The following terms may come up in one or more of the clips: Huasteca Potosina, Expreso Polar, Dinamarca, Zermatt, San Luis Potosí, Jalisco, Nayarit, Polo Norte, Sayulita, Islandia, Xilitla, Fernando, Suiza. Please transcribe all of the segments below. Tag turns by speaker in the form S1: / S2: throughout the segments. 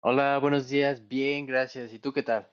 S1: Hola, buenos días. Bien, gracias. ¿Y tú qué tal?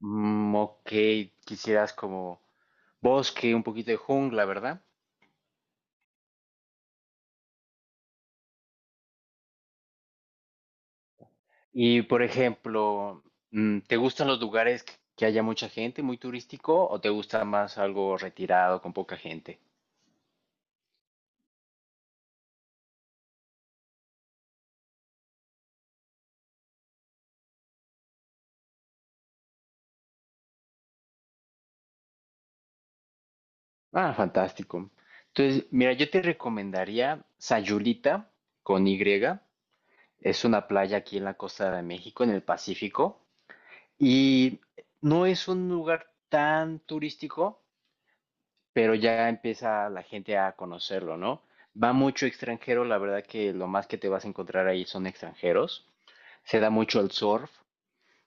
S1: Mm, ok, quisieras como bosque, un poquito de jungla, ¿verdad? Y por ejemplo, ¿te gustan los lugares que haya mucha gente, muy turístico, o te gusta más algo retirado, con poca gente? Ah, fantástico. Entonces, mira, yo te recomendaría Sayulita con Y. Es una playa aquí en la costa de México, en el Pacífico, y no es un lugar tan turístico pero ya empieza la gente a conocerlo, ¿no? Va mucho extranjero, la verdad que lo más que te vas a encontrar ahí son extranjeros. Se da mucho el surf.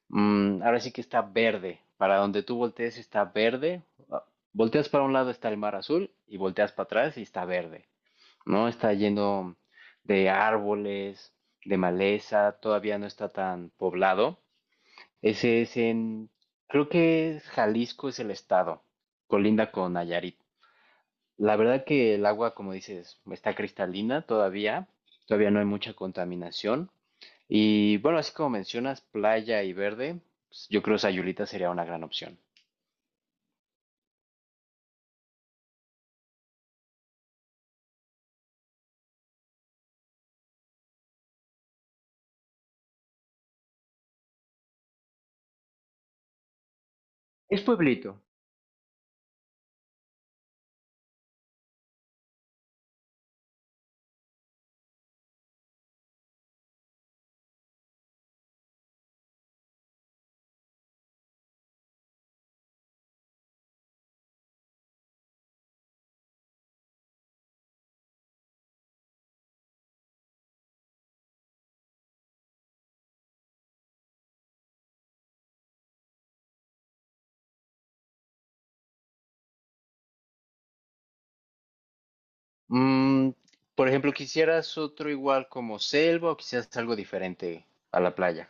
S1: Mm, ahora sí que está verde. Para donde tú voltees está verde. Ah, Volteas para un lado está el mar azul y volteas para atrás y está verde, ¿no? Está lleno de árboles, de maleza, todavía no está tan poblado. Ese es en, Creo que es Jalisco es el estado, colinda con Nayarit. La verdad que el agua, como dices, está cristalina todavía, todavía no hay mucha contaminación. Y bueno, así como mencionas, playa y verde, pues, yo creo Sayulita sería una gran opción. Es pueblito. Mm, por ejemplo, ¿quisieras otro igual como selva o quisieras algo diferente a la playa?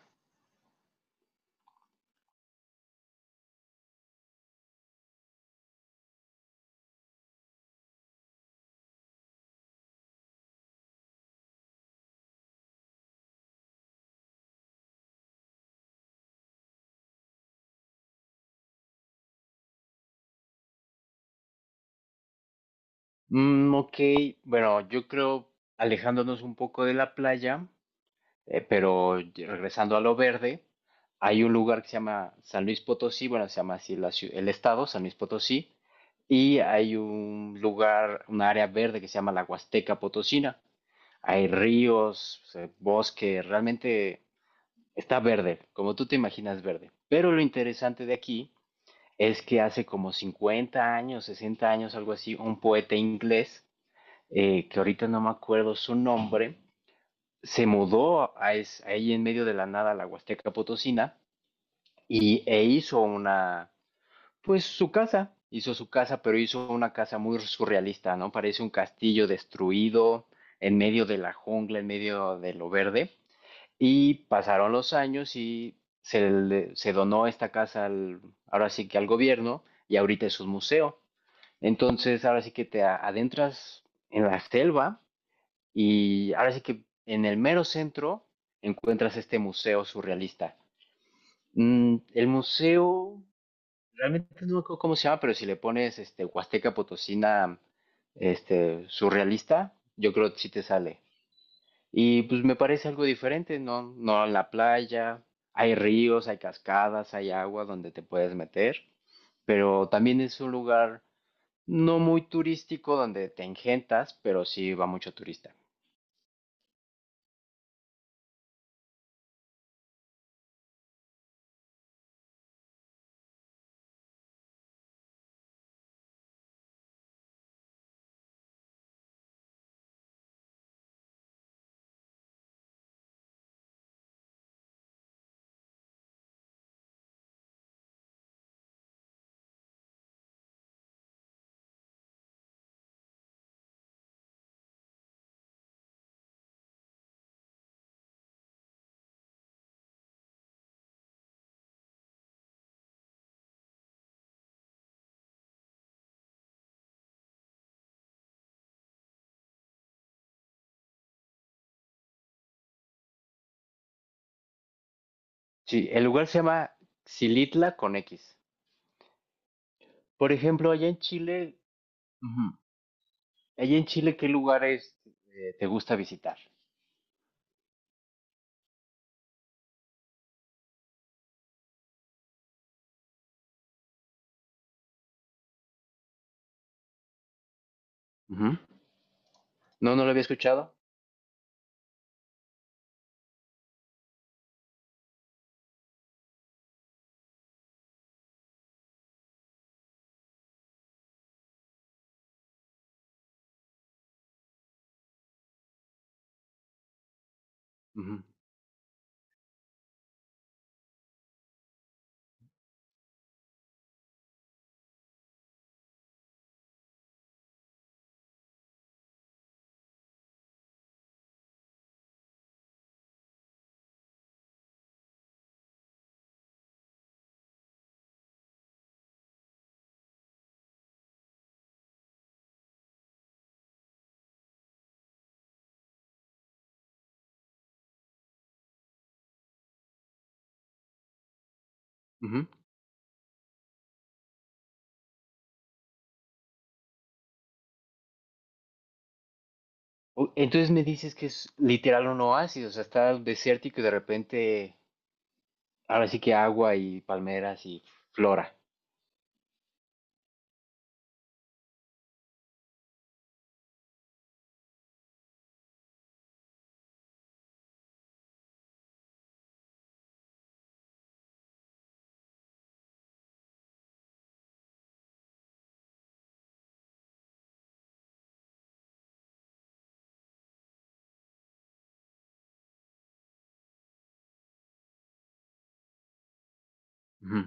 S1: Mm, ok, bueno, yo creo, alejándonos un poco de la playa, regresando a lo verde, hay un lugar que se llama San Luis Potosí, bueno, se llama así la el estado, San Luis Potosí, y hay un lugar, un área verde que se llama la Huasteca Potosina. Hay ríos, bosque, realmente está verde, como tú te imaginas verde. Pero lo interesante de aquí es que hace como 50 años, 60 años, algo así, un poeta inglés, que ahorita no me acuerdo su nombre, se mudó a ahí en medio de la nada a la Huasteca Potosina e hizo una, pues su casa, hizo su casa, pero hizo una casa muy surrealista, ¿no? Parece un castillo destruido en medio de la jungla, en medio de lo verde. Y pasaron los años y se donó esta casa al, ahora sí que al gobierno y ahorita es un museo. Entonces, ahora sí que te adentras en la selva y ahora sí que en el mero centro encuentras este museo surrealista. Mm, el museo, realmente no me acuerdo cómo se llama, pero si le pones este, Huasteca Potosina este, surrealista, yo creo que sí te sale. Y pues me parece algo diferente, ¿no? No en la playa, hay ríos, hay cascadas, hay agua donde te puedes meter, pero también es un lugar no muy turístico donde te engentas, pero sí va mucho turista. Sí, el lugar se llama Xilitla con X. Por ejemplo, allá en Chile, ujú, allá en Chile, ¿qué lugares te gusta visitar? Ujú. No, no lo había escuchado. Ujú, ujú. Entonces me dices que es literal un oasis, o sea, está desértico y de repente, ahora sí que agua y palmeras y flora. Ujú.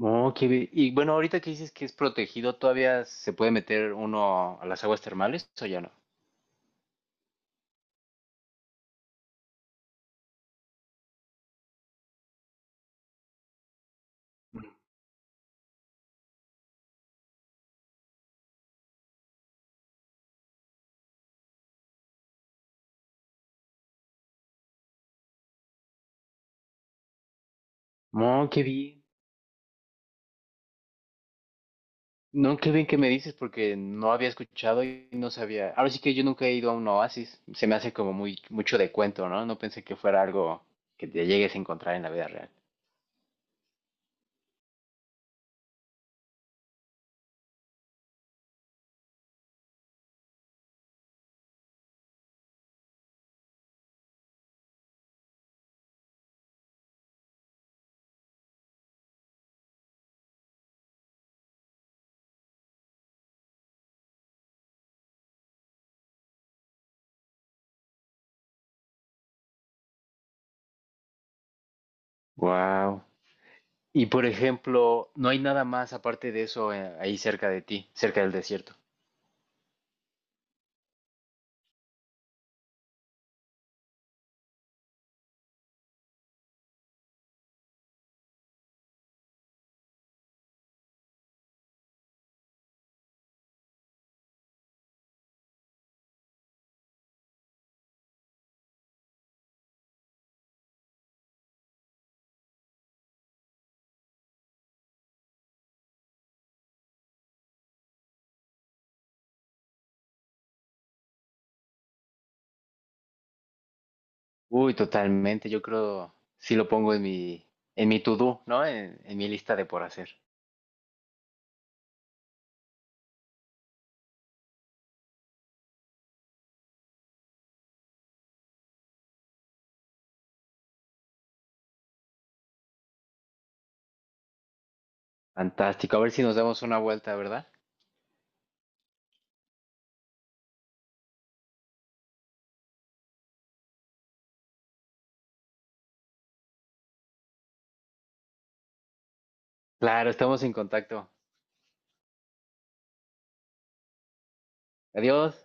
S1: Oh, qué bien. Y bueno, ahorita que dices que es protegido, ¿todavía se puede meter uno a las aguas termales o ya no? Ujú. Oh, qué bien. No, qué bien que me dices porque no había escuchado y no sabía. Ahora sí que yo nunca he ido a un oasis. Se me hace como muy mucho de cuento, ¿no? No pensé que fuera algo que te llegues a encontrar en la vida real. Wow. Y por ejemplo, no hay nada más aparte de eso, ahí cerca de ti, cerca del desierto. Uy, totalmente. Yo creo sí lo pongo en mi, en mi to-do, ¿no? En mi lista de por hacer. Fantástico. A ver si nos damos una vuelta, ¿verdad? Claro, estamos en contacto. Adiós.